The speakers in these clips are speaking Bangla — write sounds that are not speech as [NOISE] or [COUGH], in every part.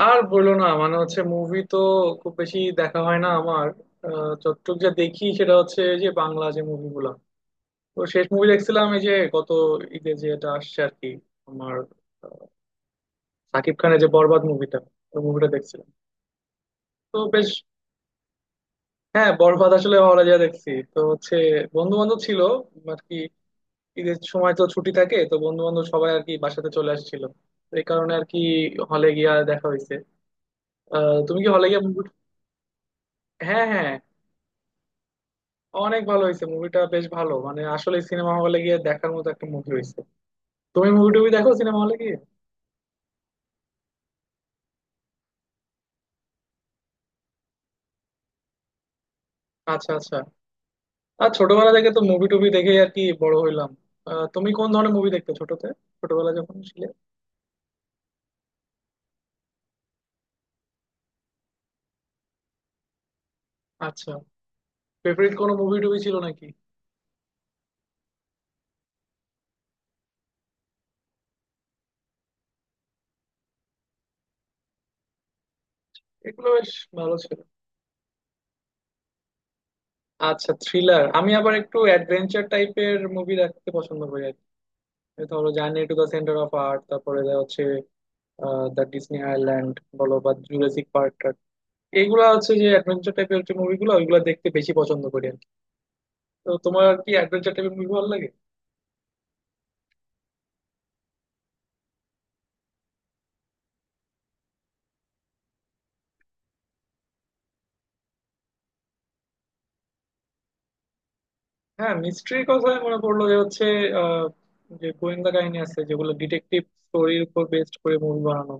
আর বললো না, মানে হচ্ছে মুভি তো খুব বেশি দেখা হয় না আমার। যতটুক যা দেখি সেটা হচ্ছে যে বাংলা যে মুভিগুলা। তো শেষ মুভি দেখছিলাম এই যে গত ঈদে যে এটা আসছে আর কি, আমার আহ, সাকিব খানের যে বরবাদ মুভিটা, ওই মুভিটা দেখছিলাম। তো বেশ। হ্যাঁ, বরবাদ আসলে হলে যা দেখছি তো হচ্ছে বন্ধু বান্ধব ছিল আর কি, ঈদের সময় তো ছুটি থাকে, তো বন্ধু বান্ধব সবাই আর কি বাসাতে চলে আসছিল। তো এই কারণে আর কি হলে গিয়া দেখা হয়েছে। তুমি কি হলে গিয়ে মুভি। হ্যাঁ হ্যাঁ, অনেক ভালো হয়েছে, মুভিটা বেশ ভালো মানে আসলে সিনেমা হলে গিয়ে দেখার মতো একটা মুভি হয়েছে। তুমি মুভি টুভি দেখো সিনেমা হলে গিয়ে? আচ্ছা আচ্ছা। আর ছোটবেলা থেকে তো মুভি টুভি দেখে আর কি বড় হইলাম। তুমি কোন ধরনের মুভি দেখতে ছোটতে, ছোটবেলা যখন ছিলে? আচ্ছা। ফেভারিট কোনো মুভি টুভি ছিল নাকি? এগুলো বেশ ভালো ছিল। আচ্ছা, থ্রিলার। আমি আবার একটু অ্যাডভেঞ্চার টাইপের মুভি দেখতে পছন্দ করি আর কি। এই ধরো journey to the centre of earth, তারপরে যা হচ্ছে দ্য ডিসনি আইল্যান্ড বলো বা জুরাসিক পার্ক, এইগুলা হচ্ছে যে অ্যাডভেঞ্চার টাইপের, যে মুভিগুলো ওইগুলো দেখতে বেশি পছন্দ করি আর কি। তো তোমার কি অ্যাডভেঞ্চার টাইপের মুভি ভালো লাগে? হ্যাঁ, মিস্ট্রির কথা মনে পড়লো যে হচ্ছে আহ, যে গোয়েন্দা কাহিনী আছে যেগুলো ডিটেকটিভ স্টোরির উপর বেস্ড করে মুভি বানানো,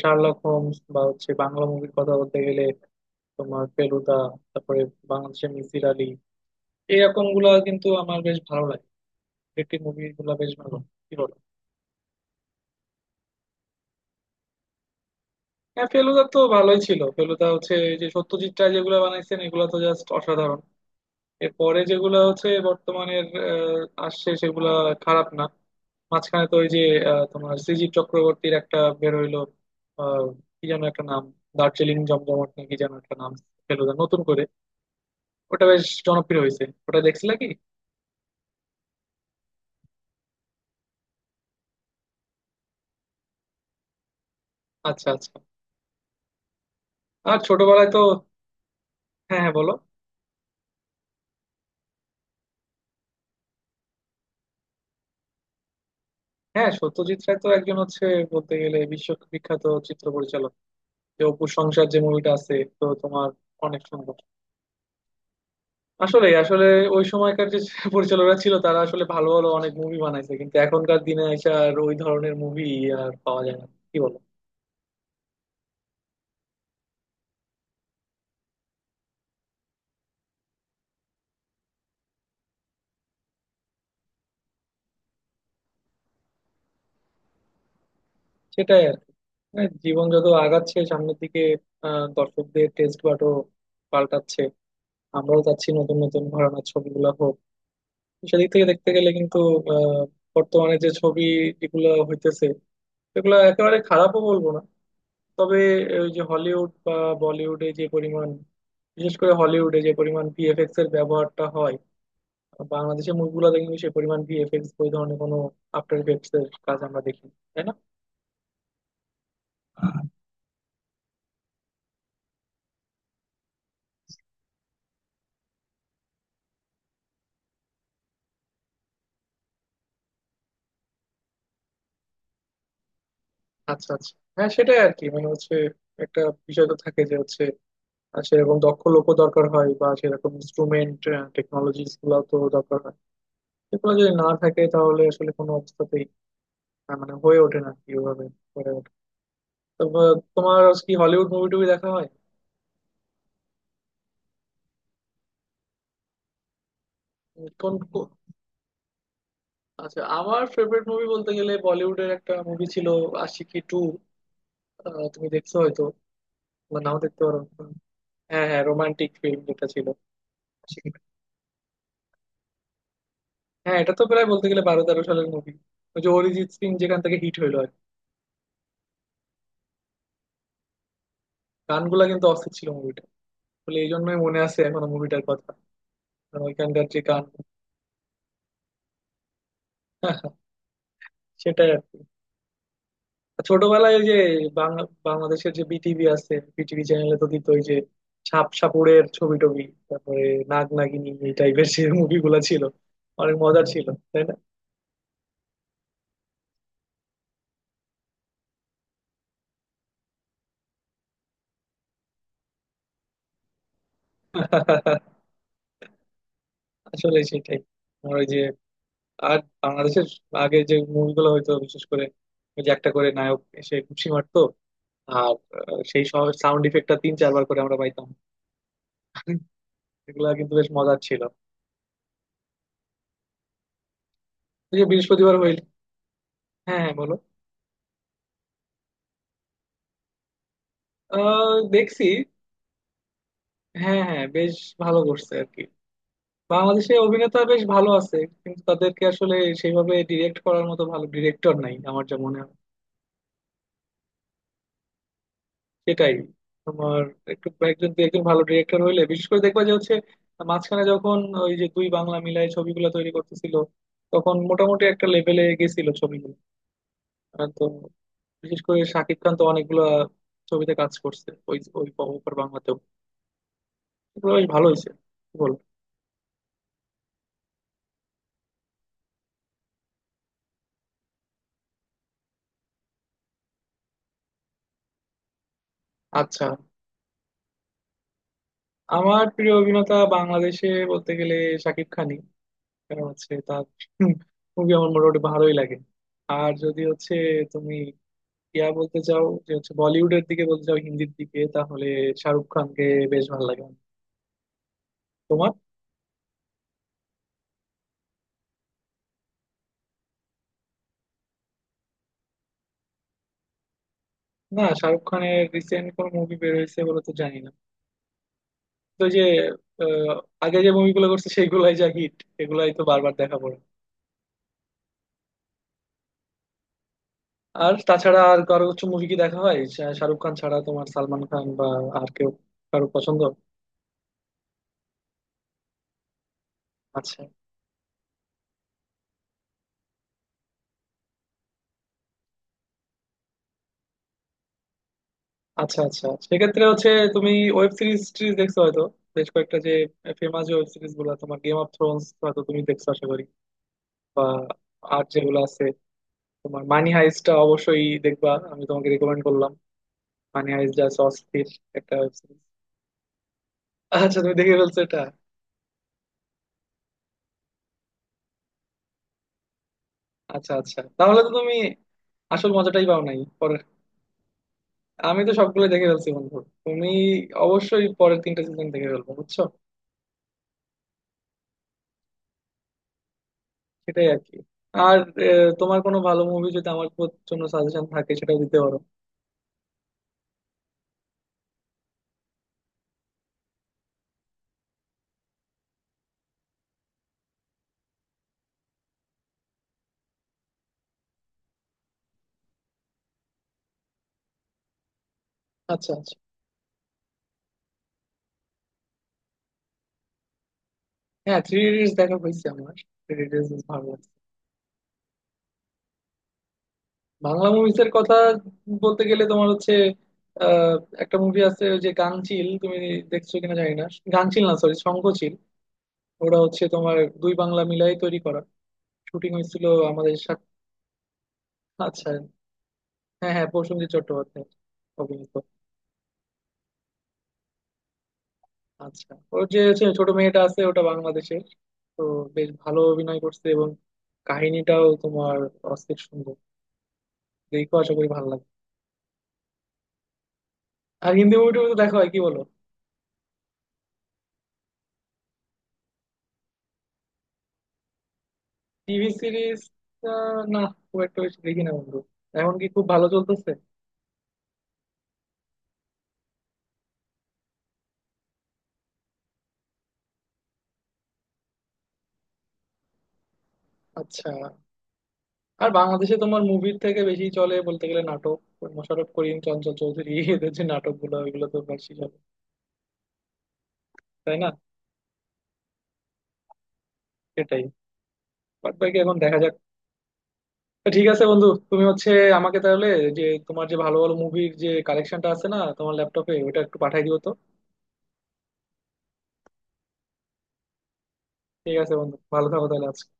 শার্লক হোমস বা হচ্ছে বাংলা মুভির কথা বলতে গেলে তোমার ফেলুদা, তারপরে বাংলাদেশের মিসির আলী, এরকম গুলা কিন্তু আমার বেশ ভালো লাগে। ডিটেকটিভ মুভি গুলা বেশ ভালো, কি বলো? হ্যাঁ, ফেলুদা তো ভালোই ছিল। ফেলুদা হচ্ছে এই যে সত্যজিৎ রায় যেগুলো বানাইছেন, এগুলো তো জাস্ট অসাধারণ। এরপরে যেগুলো হচ্ছে বর্তমানের আসছে সেগুলা খারাপ না। মাঝখানে তো ওই যে তোমার শ্রীজীব চক্রবর্তীর একটা বের হইলো, আহ, কি যেন একটা নাম, দার্জিলিং জমজমাট নাকি যেন একটা নাম, ফেলুদা নতুন করে। ওটা বেশ জনপ্রিয় হয়েছে, ওটা দেখছিলা কি? আচ্ছা আচ্ছা। আর ছোটবেলায় তো হ্যাঁ হ্যাঁ বলো। হ্যাঁ, সত্যজিৎ রায় তো একজন হচ্ছে বলতে গেলে বিশ্ববিখ্যাত চিত্র পরিচালক। যে অপু সংসার যে মুভিটা আছে, তো তোমার অনেক সুন্দর। আসলে আসলে ওই সময়কার যে পরিচালকরা ছিল তারা আসলে ভালো ভালো অনেক মুভি বানাইছে, কিন্তু এখনকার দিনে এসে আর ওই ধরনের মুভি আর পাওয়া যায় না, কি বলো? সেটাই আর কি। হ্যাঁ, জীবন যত আগাচ্ছে সামনের দিকে, দর্শকদের টেস্ট বাটও পাল্টাচ্ছে। আমরাও চাচ্ছি নতুন নতুন ঘরানার ছবিগুলো হোক। সেদিক থেকে দেখতে গেলে কিন্তু আহ বর্তমানে যে ছবি যেগুলো হইতেছে সেগুলো একেবারে খারাপও বলবো না, তবে ওই যে হলিউড বা বলিউডে যে পরিমাণ, বিশেষ করে হলিউডে যে পরিমাণ ভিএফএক্স এর ব্যবহারটা হয়, বাংলাদেশের মুভিগুলোতে কিন্তু সে পরিমাণ ভিএফএক্স ওই ধরনের কোনো আফটার ইফেক্টস এর কাজ আমরা দেখি, তাই না? আচ্ছা আচ্ছা, হ্যাঁ সেটাই আর কি, মানে হচ্ছে একটা বিষয় তো থাকে যে হচ্ছে সেরকম দক্ষ লোকও দরকার হয় বা সেরকম ইনস্ট্রুমেন্ট টেকনোলজিস গুলো তো দরকার হয়। এগুলো যদি না থাকে তাহলে আসলে কোনো অবস্থাতেই মানে হয়ে ওঠে না কি ওভাবে হয়ে ওঠে। তো তোমার কি হলিউড মুভি টুভি দেখা হয়? কোন আচ্ছা, আমার ফেভারিট মুভি বলতে গেলে বলিউডের একটা মুভি ছিল, আশিকি টু। তুমি দেখছো হয়তো, বা নাও দেখতে পারো। হ্যাঁ হ্যাঁ, রোমান্টিক ফিল্ম যেটা ছিল সেটা। হ্যাঁ, এটা তো প্রায় বলতে গেলে বারো তেরো সালের মুভি, ওই যে অরিজিৎ সিং যেখান থেকে হিট হইলো আর কি। গানগুলা কিন্তু অস্থির ছিল মুভিটা, বলে এই জন্যই মনে আছে এখনো মুভিটার কথা, কারণ ওইখানকার যে গান। [LAUGHS] সেটাই আর কি। ছোটবেলায় ওই যে বাংলা বাংলাদেশের যে বিটিভি আছে, বিটিভি চ্যানেলে তো দিত ওই যে সাপ সাপুড়ের ছবি টবি, তারপরে নাগ নাগিনী, এই টাইপের যে মুভিগুলা ছিল অনেক মজার ছিল, তাই না? [LAUGHS] আসলে সেটাই। আর ওই যে আর বাংলাদেশের আগে যে মুভিগুলো হইতো, বিশেষ করে ওই যে একটা করে নায়ক এসে ঘুষি মারতো আর সেই সাউন্ড ইফেক্টটা তিন চারবার করে আমরা পাইতাম। [LAUGHS] এগুলা কিন্তু বেশ মজার ছিল। এই যে বৃহস্পতিবার হইল। হ্যাঁ হ্যাঁ বলো। দেখছি। হ্যাঁ হ্যাঁ, বেশ ভালো করছে আর কি। বাংলাদেশে অভিনেতা বেশ ভালো আছে, কিন্তু তাদেরকে আসলে সেইভাবে ডিরেক্ট করার মতো ভালো ডিরেক্টর নাই, আমার যা মনে হয়। সেটাই। তোমার একটু একজন দু একজন ভালো ডিরেক্টর হইলে বিশেষ করে দেখবা যে হচ্ছে মাঝখানে যখন ওই যে দুই বাংলা মিলায় ছবিগুলো তৈরি করতেছিল তখন মোটামুটি একটা লেভেলে গেছিল ছবিগুলো। আর তো বিশেষ করে শাকিব খান তো অনেকগুলা ছবিতে কাজ করছে, ওই ওই ওপার বাংলাতেও। এগুলো বেশ ভালো হয়েছে, কি বল? আচ্ছা, আমার প্রিয় অভিনেতা বাংলাদেশে বলতে গেলে শাকিব খানই। কারণ হচ্ছে তার মুভি আমার মোটামুটি ভালোই লাগে। আর যদি হচ্ছে তুমি বলতে চাও যে হচ্ছে বলিউডের দিকে, বলতে চাও হিন্দির দিকে, তাহলে শাহরুখ খানকে বেশ ভালো লাগে আমার। তোমার? না, শাহরুখ খানের রিসেন্ট কোন মুভি বের হয়েছে বলে তো জানি না। তো যে আহ, আগে যে মুভিগুলো করছে সেগুলাই যা হিট, এগুলাই তো বারবার দেখা পড়ে। আর তাছাড়া আর কারো কিছু মুভি কি দেখা হয়, শাহরুখ খান ছাড়া তোমার সালমান খান বা আর কেউ, কারো পছন্দ? আচ্ছা আচ্ছা আচ্ছা। সেক্ষেত্রে হচ্ছে তুমি ওয়েব সিরিজ টিরিজ দেখছো হয়তো। বেশ কয়েকটা যে ফেমাস ওয়েব সিরিজ গুলো, তোমার গেম অফ থ্রোনস হয়তো তুমি দেখছো আশা করি। বা আর যেগুলো আছে তোমার মানি হাইস্টটা অবশ্যই দেখবা, আমি তোমাকে রেকমেন্ড করলাম। মানি হাইস্ট যা আছে অস্থির, একটা ওয়েব সিরিজ। আচ্ছা, তুমি দেখে ফেলছো এটা? আচ্ছা আচ্ছা, তাহলে তো তুমি আসল মজাটাই পাও নাই পরে। আমি তো সবগুলো দেখে ফেলছি বন্ধু। তুমি অবশ্যই পরের তিনটা সিজন দেখে ফেলবো বুঝছো। সেটাই আর কি। আর তোমার কোনো ভালো মুভি যদি আমার জন্য সাজেশন থাকে সেটাও দিতে পারো। আচ্ছা আচ্ছা। হ্যাঁ, থ্রি ইডিয়টস দেখা হয়েছে আমার, থ্রি ইডিয়টস ভালো লাগছে। বাংলা মুভিজের কথা বলতে গেলে তোমার হচ্ছে আহ, একটা মুভি আছে ওই যে গাঙচিল, তুমি দেখছো কিনা জানি না। গাঙচিল না, সরি শঙ্খচিল। ওটা হচ্ছে তোমার দুই বাংলা মিলাই তৈরি করা, শুটিং হয়েছিল আমাদের সাথে। আচ্ছা, হ্যাঁ হ্যাঁ, প্রসেনজিৎ চট্টোপাধ্যায় অভিনীত। আচ্ছা, ওর যে হচ্ছে ছোট মেয়েটা আছে ওটা বাংলাদেশের, তো বেশ ভালো অভিনয় করছে এবং কাহিনীটাও তোমার অস্থির সুন্দর। দেখো আশা করি ভালো লাগে। আর হিন্দি মুভি টুভি তো দেখা হয়, কি বলো? TV series? না, খুব একটা বেশি দেখি না বন্ধু। এখন কি খুব ভালো চলতেছে? আচ্ছা। আর বাংলাদেশে তোমার মুভির থেকে বেশি চলে বলতে গেলে নাটক, ওই মোশাররফ করিম, চঞ্চল চৌধুরী, এদের যে নাটক গুলো ওইগুলো তো বেশি চলে, তাই না? সেটাই। বাট বাকি এখন দেখা যাক। তো ঠিক আছে বন্ধু, তুমি হচ্ছে আমাকে তাহলে যে তোমার যে ভালো ভালো মুভির যে কালেকশনটা আছে না তোমার ল্যাপটপে, ওটা একটু পাঠাই দিও তো। ঠিক আছে বন্ধু, ভালো থাকো তাহলে আজকে।